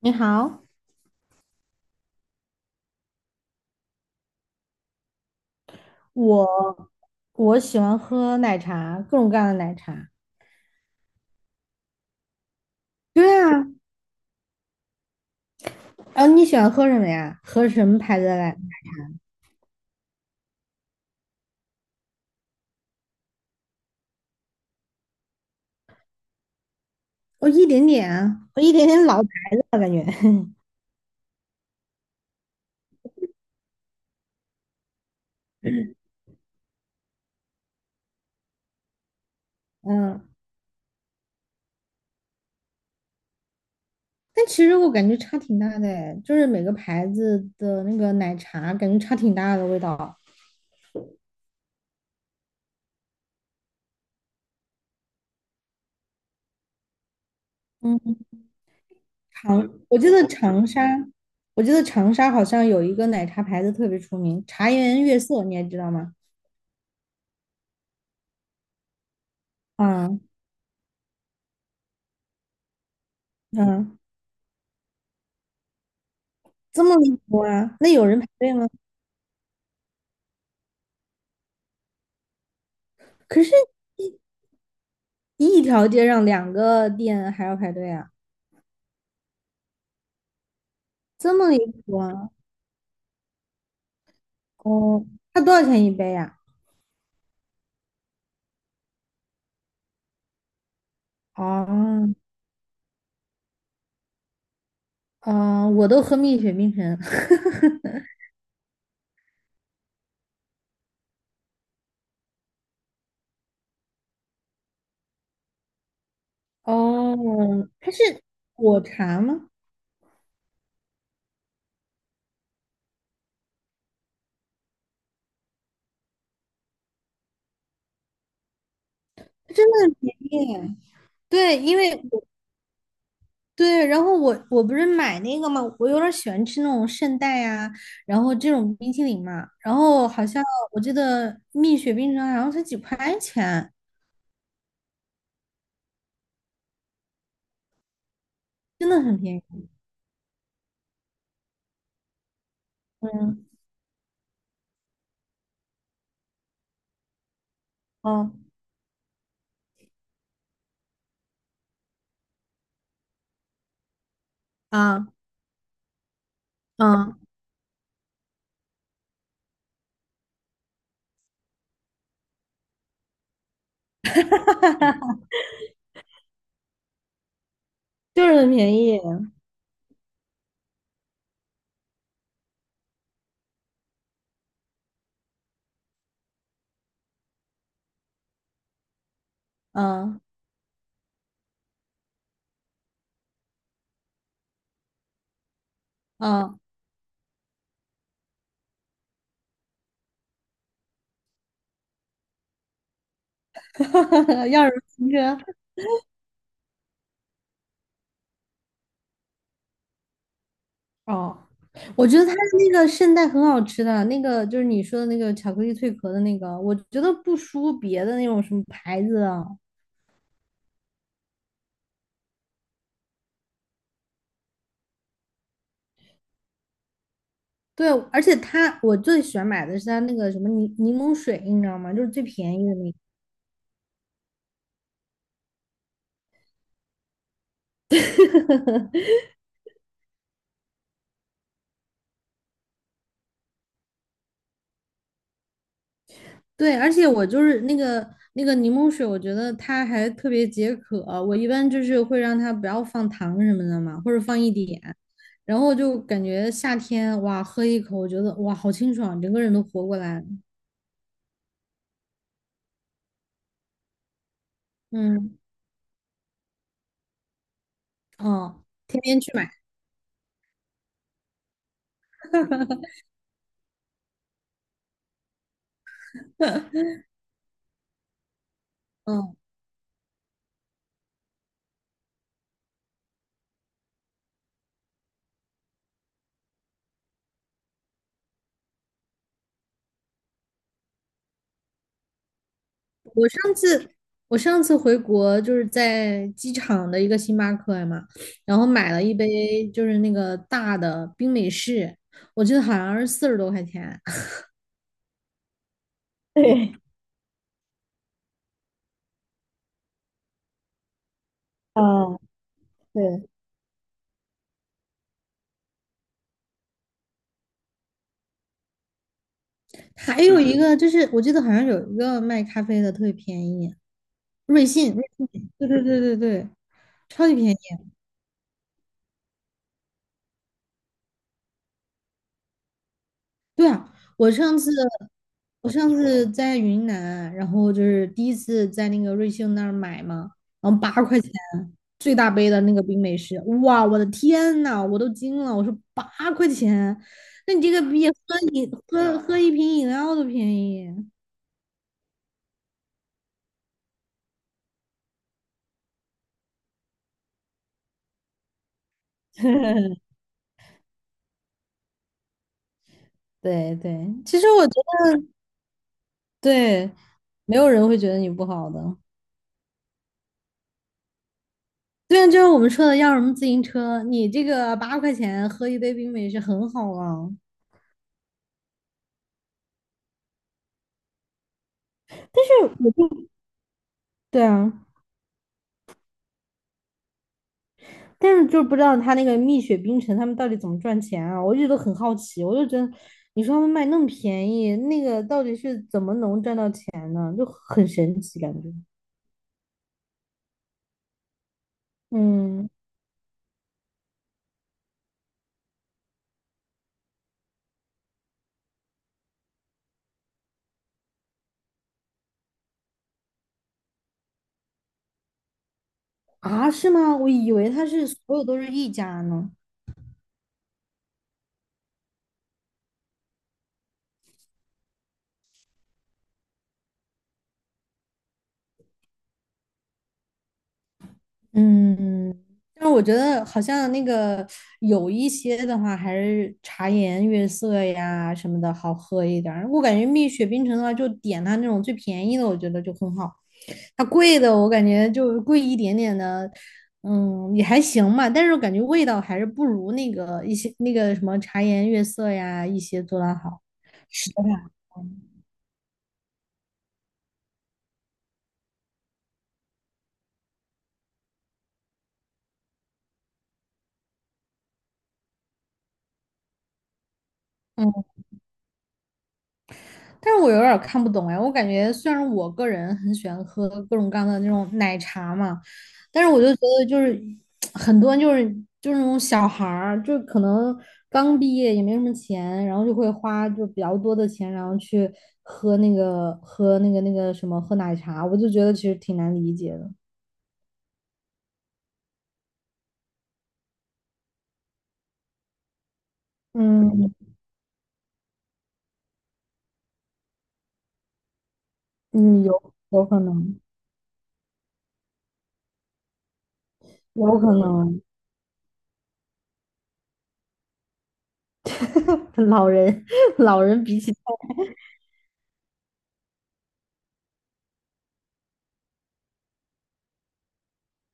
你好，我我喜欢喝奶茶，各种各样的奶茶。对啊，然后你喜欢喝什么呀？喝什么牌子的奶我一点点啊，我一点点老牌子了，感觉。嗯，但其实我感觉差挺大的诶，就是每个牌子的那个奶茶，感觉差挺大的味道。嗯，长，我记得长沙，我记得长沙好像有一个奶茶牌子特别出名，茶颜悦色，你还知道吗？啊，嗯，这么离谱啊？那有人排队吗？可是一一条街上两个店还要排队啊，这么离谱啊？哦，它多少钱一杯呀、啊哦，哦，啊我都喝蜜雪冰城。哦，它是果茶吗？它真的很便宜啊。对，因为我对，然后我不是买那个嘛，我有点儿喜欢吃那种圣代啊，然后这种冰淇淋嘛，然后好像我记得蜜雪冰城好像才几块钱，真的很便宜。嗯，哦啊。嗯，就是很便宜，嗯嗯，要是停车？哦，我觉得他的那个圣代很好吃的，那个就是你说的那个巧克力脆壳的那个，我觉得不输别的那种什么牌子啊。对，而且他我最喜欢买的是他那个什么柠柠檬水，你知道吗？就是最便宜的那个。对，而且我就是那个那个柠檬水，我觉得它还特别解渴。我一般就是会让它不要放糖什么的嘛，或者放一点，然后就感觉夏天哇，喝一口，我觉得哇，好清爽，整个人都活过来了。嗯，哦，天天去买。嗯，我上次我上次回国就是在机场的一个星巴克嘛，然后买了一杯就是那个大的冰美式，我记得好像是四十多块钱。对，啊，对，还有一个就是，我记得好像有一个卖咖啡的特别便宜，瑞幸，瑞幸，对对对对对，超级便宜。对啊，我上次在云南，然后就是第一次在那个瑞幸那儿买嘛，然后八块钱最大杯的那个冰美式，哇，我的天呐，我都惊了，我说八块钱，那你这个 比喝喝一瓶饮料都便宜。对对，其实我觉得对，没有人会觉得你不好的。对啊，就是我们说的要什么自行车，你这个八块钱喝一杯冰美式很好啊。就是我就对啊，但是就是不知道他那个蜜雪冰城他们到底怎么赚钱啊，我一直都很好奇。我就觉得，你说他们卖那么便宜，那个到底是怎么能赚到钱呢？就很神奇感觉。嗯，啊，是吗？我以为他是所有都是一家呢。嗯，但是我觉得好像那个有一些的话，还是茶颜悦色呀什么的好喝一点儿。我感觉蜜雪冰城的话，就点它那种最便宜的，我觉得就很好。它贵的我感觉就贵一点点的，嗯，也还行吧。但是我感觉味道还是不如那个一些那个什么茶颜悦色呀一些做的好。是的吧？但是我有点儿看不懂哎，我感觉虽然我个人很喜欢喝各种各样的那种奶茶嘛，但是我就觉得就是 很多就是那种小孩儿，就可能刚毕业也没什么钱，然后就会花就比较多的钱，然后去喝那个喝那个那个什么喝奶茶，我就觉得其实挺难理解的。嗯嗯，有可能，有可能，老人 老人比起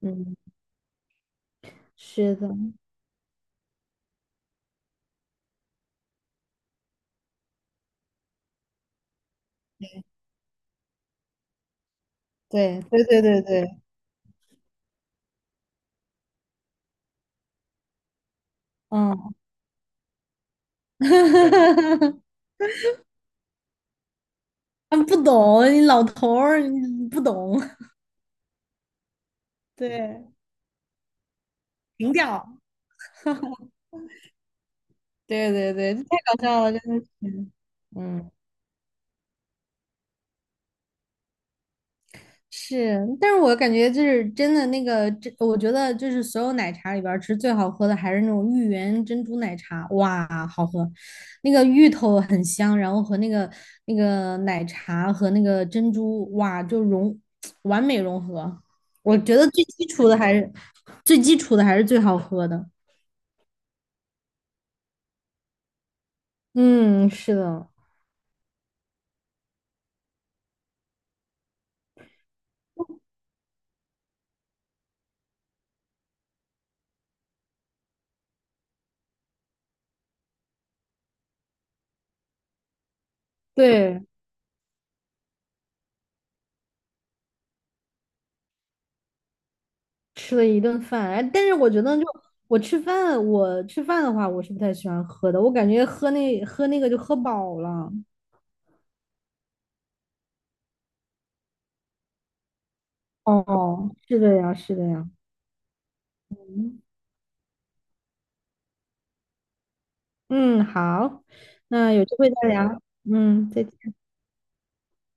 嗯，是的，对对对对对，嗯。他们不懂，你老头儿你不懂，对，情调，对对对，这太搞笑了，真的是，嗯，是，但是我感觉就是真的那个，这我觉得就是所有奶茶里边儿，其实最好喝的还是那种芋圆珍珠奶茶，哇，好喝，那个芋头很香，然后和那个那个奶茶和那个珍珠，哇，就融 完美融合。我觉得最基础的还是最好喝的。嗯，是的，对，吃了一顿饭，哎，但是我觉得就我吃饭，我吃饭的话，我是不太喜欢喝的，我感觉喝那个就喝饱了。哦，是的呀，是的呀，嗯，好，那有机会再聊，嗯，再见。